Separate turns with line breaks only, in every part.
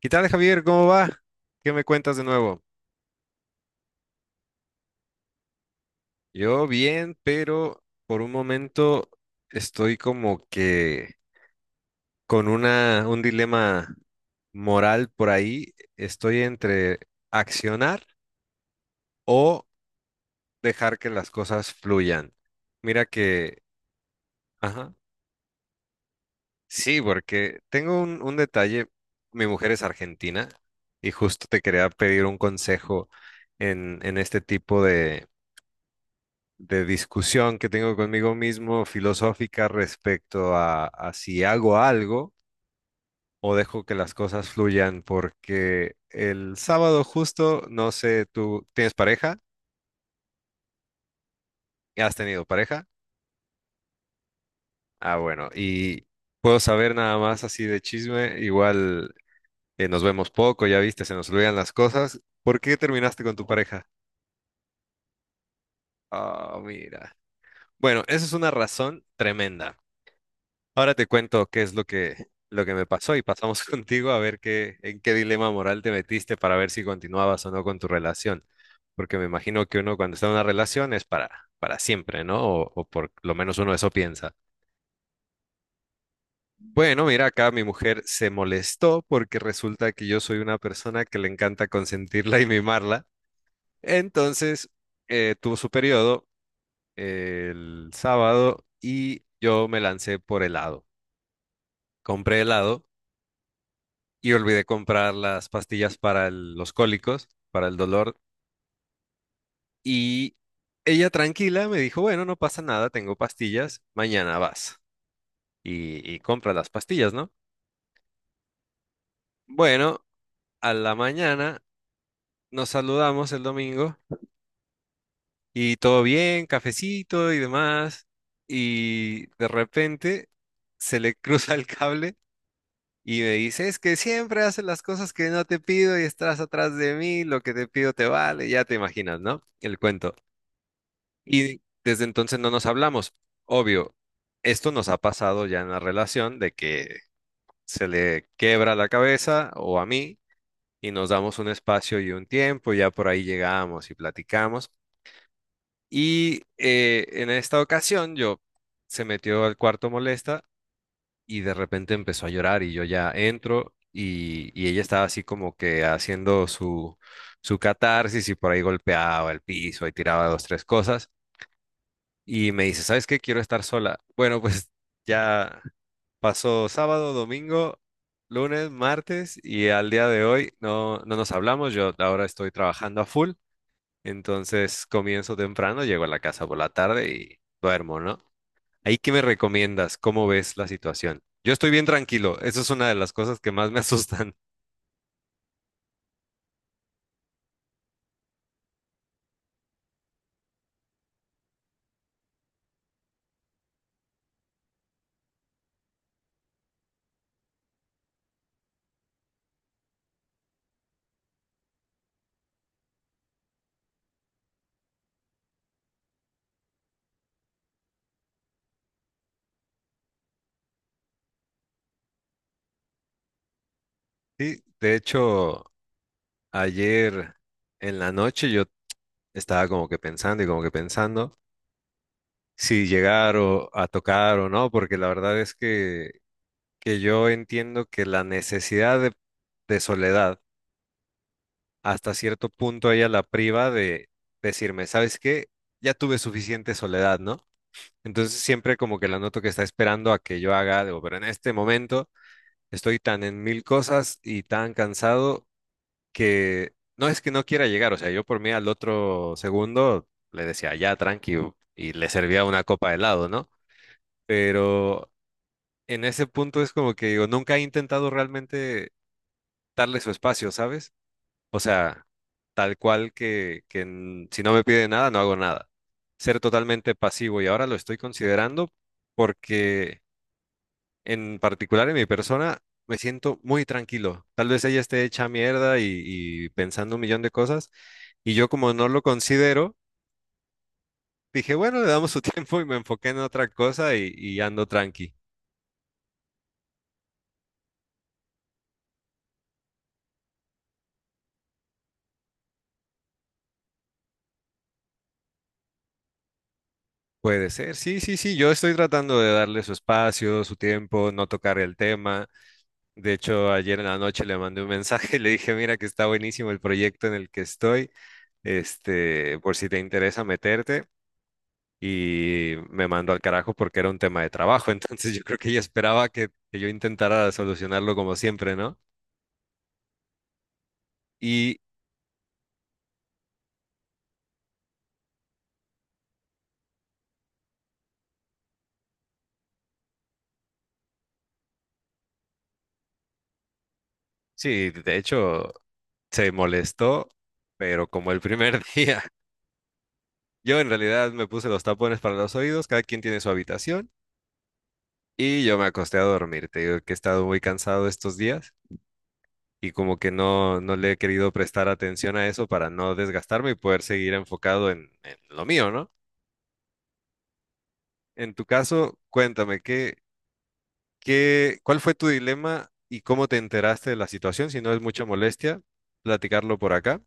¿Qué tal, Javier? ¿Cómo va? ¿Qué me cuentas de nuevo? Yo bien, pero por un momento estoy como que con un dilema moral por ahí. Estoy entre accionar o dejar que las cosas fluyan. Mira que, ajá, sí, porque tengo un detalle. Mi mujer es argentina y justo te quería pedir un consejo en este tipo de discusión que tengo conmigo mismo filosófica respecto a si hago algo o dejo que las cosas fluyan, porque el sábado justo, no sé, ¿tú tienes pareja? ¿Has tenido pareja? Ah, bueno, y puedo saber nada más así de chisme, igual nos vemos poco, ya viste, se nos olvidan las cosas. ¿Por qué terminaste con tu pareja? Ah, mira. Bueno, esa es una razón tremenda. Ahora te cuento qué es lo que me pasó y pasamos contigo a ver qué, en qué dilema moral te metiste para ver si continuabas o no con tu relación. Porque me imagino que uno cuando está en una relación es para siempre, ¿no? O por lo menos uno eso piensa. Bueno, mira, acá mi mujer se molestó porque resulta que yo soy una persona que le encanta consentirla y mimarla. Entonces, tuvo su periodo el sábado y yo me lancé por helado. Compré helado y olvidé comprar las pastillas para los cólicos, para el dolor. Y ella tranquila me dijo, bueno, no pasa nada, tengo pastillas, mañana vas y compras las pastillas, ¿no? Bueno, a la mañana nos saludamos el domingo y todo bien, cafecito y demás. Y de repente se le cruza el cable. Y me dice, es que siempre haces las cosas que no te pido y estás atrás de mí, lo que te pido te vale, ya te imaginas, ¿no? El cuento. Y desde entonces no nos hablamos. Obvio, esto nos ha pasado ya en la relación de que se le quebra la cabeza o a mí y nos damos un espacio y un tiempo, ya por ahí llegamos y platicamos. Y en esta ocasión yo se metió al cuarto molesta y de repente empezó a llorar y yo ya entro y ella estaba así como que haciendo su catarsis y por ahí golpeaba el piso y tiraba dos, tres cosas. Y me dice, ¿sabes qué? Quiero estar sola. Bueno, pues ya pasó sábado, domingo, lunes, martes y al día de hoy no, no nos hablamos. Yo ahora estoy trabajando a full, entonces comienzo temprano, llego a la casa por la tarde y duermo, ¿no? ¿Ahí qué me recomiendas? ¿Cómo ves la situación? Yo estoy bien tranquilo, eso es una de las cosas que más me asustan. Sí, de hecho, ayer en la noche yo estaba como que pensando y como que pensando si llegar o a tocar o no, porque la verdad es que yo entiendo que la necesidad de soledad hasta cierto punto a ella la priva de decirme, ¿sabes qué? Ya tuve suficiente soledad, ¿no? Entonces siempre como que la noto que está esperando a que yo haga algo, pero en este momento estoy tan en mil cosas y tan cansado que no es que no quiera llegar, o sea, yo por mí al otro segundo le decía, ya, tranqui, y le servía una copa de helado, ¿no? Pero en ese punto es como que digo, nunca he intentado realmente darle su espacio, ¿sabes? O sea, tal cual que si no me pide nada, no hago nada. Ser totalmente pasivo y ahora lo estoy considerando porque en particular en mi persona me siento muy tranquilo. Tal vez ella esté hecha mierda y pensando un millón de cosas y yo como no lo considero, dije, bueno, le damos su tiempo y me enfoqué en otra cosa y ando tranqui. Puede ser, sí, sí, sí, yo estoy tratando de darle su espacio, su tiempo, no tocar el tema. De hecho, ayer en la noche le mandé un mensaje y le dije, mira que está buenísimo el proyecto en el que estoy, este, por si te interesa meterte. Y me mandó al carajo porque era un tema de trabajo, entonces yo creo que ella esperaba que yo intentara solucionarlo como siempre, ¿no? Y sí, de hecho, se molestó, pero como el primer día, yo en realidad me puse los tapones para los oídos, cada quien tiene su habitación. Y yo me acosté a dormir. Te digo que he estado muy cansado estos días y como que no, no le he querido prestar atención a eso para no desgastarme y poder seguir enfocado en lo mío, ¿no? En tu caso, cuéntame, ¿qué, qué, cuál fue tu dilema y cómo te enteraste de la situación? Si no es mucha molestia, platicarlo por acá.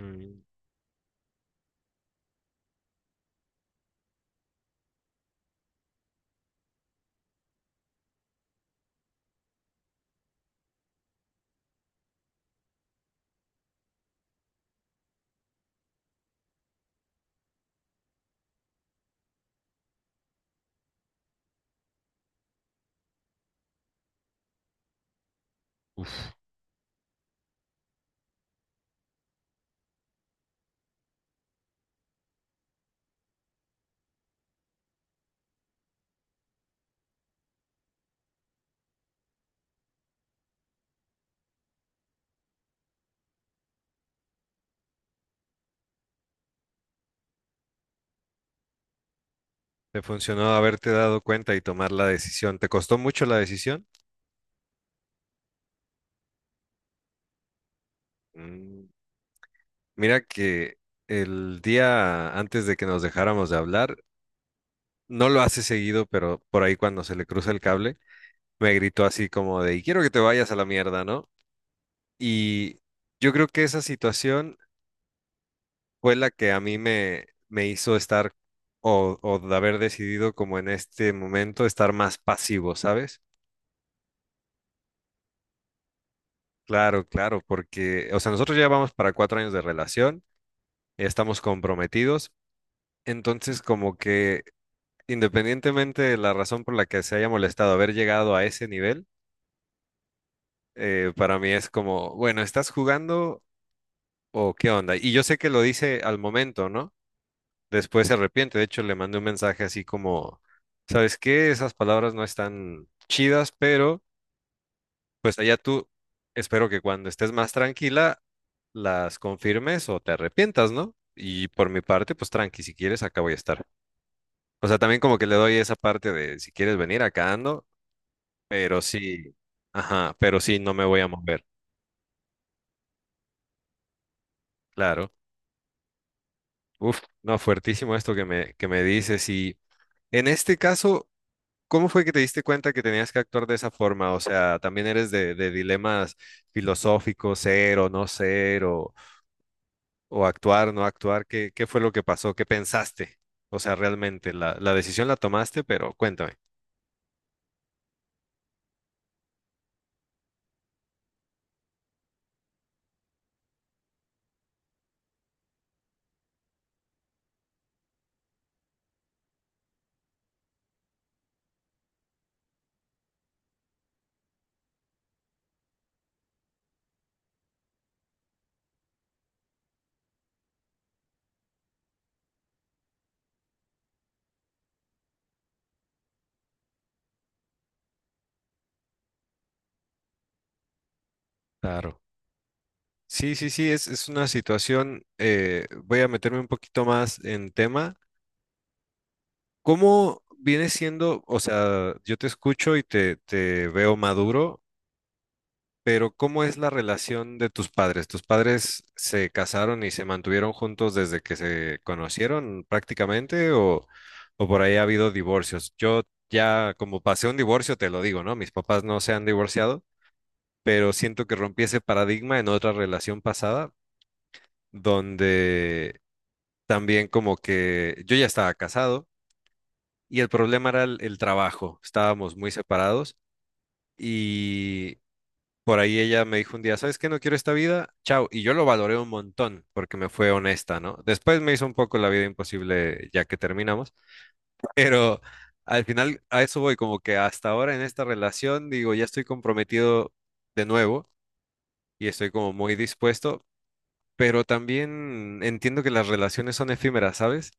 Mm. ¿Te funcionó haberte dado cuenta y tomar la decisión? ¿Te costó mucho la decisión? Mm. Mira que el día antes de que nos dejáramos de hablar, no lo hace seguido, pero por ahí cuando se le cruza el cable, me gritó así como de, y quiero que te vayas a la mierda, ¿no? Y yo creo que esa situación fue la que a mí me, me hizo estar o de haber decidido como en este momento estar más pasivo, ¿sabes? Claro, claro, porque, o sea, nosotros ya vamos para cuatro años de relación, ya estamos comprometidos, entonces como que independientemente de la razón por la que se haya molestado haber llegado a ese nivel, para mí es como, bueno, ¿estás jugando o qué onda? Y yo sé que lo dice al momento, ¿no? Después se arrepiente. De hecho, le mandé un mensaje así como, ¿sabes qué? Esas palabras no están chidas, pero pues allá tú, espero que cuando estés más tranquila, las confirmes o te arrepientas, ¿no? Y por mi parte, pues tranqui, si quieres, acá voy a estar. O sea, también como que le doy esa parte de si quieres venir, acá ando, pero sí, ajá, pero sí, no me voy a mover, claro. Uf, no, fuertísimo esto que me dices. Y en este caso, ¿cómo fue que te diste cuenta que tenías que actuar de esa forma? O sea, ¿también eres de dilemas filosóficos, ser o no ser, o actuar, no actuar? ¿Qué, qué fue lo que pasó? ¿Qué pensaste? O sea, realmente, la decisión la tomaste, pero cuéntame. Claro. Sí, sí, sí, es una situación, voy a meterme un poquito más en tema. ¿Cómo viene siendo, o sea, yo te escucho y te veo maduro, pero ¿cómo es la relación de tus padres? ¿Tus padres se casaron y se mantuvieron juntos desde que se conocieron prácticamente o por ahí ha habido divorcios? Yo ya como pasé un divorcio, te lo digo, ¿no? Mis papás no se han divorciado, pero siento que rompí ese paradigma en otra relación pasada donde también como que yo ya estaba casado y el problema era el trabajo, estábamos muy separados. Y por ahí ella me dijo un día, ¿sabes qué? No quiero esta vida, chao. Y yo lo valoré un montón porque me fue honesta, ¿no? Después me hizo un poco la vida imposible ya que terminamos, pero al final a eso voy, como que hasta ahora en esta relación, digo, ya estoy comprometido de nuevo y estoy como muy dispuesto, pero también entiendo que las relaciones son efímeras, ¿sabes?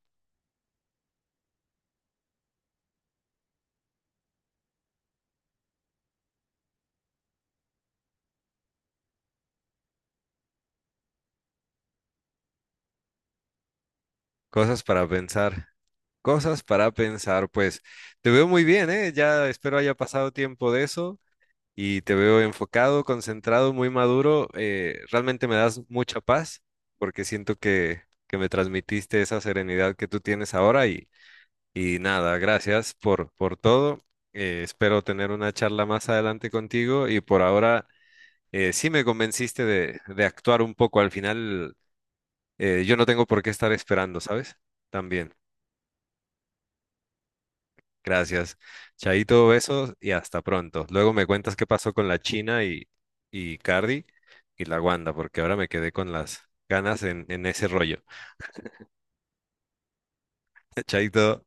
Cosas para pensar, cosas para pensar, pues te veo muy bien, ¿eh? Ya espero haya pasado tiempo de eso. Y te veo enfocado, concentrado, muy maduro. Realmente me das mucha paz porque siento que me transmitiste esa serenidad que tú tienes ahora y nada, gracias por todo. Espero tener una charla más adelante contigo y por ahora sí me convenciste de actuar un poco. Al final yo no tengo por qué estar esperando, ¿sabes? También. Gracias. Chaito, besos y hasta pronto. Luego me cuentas qué pasó con la China y Cardi y la Wanda, porque ahora me quedé con las ganas en ese rollo. Chaito.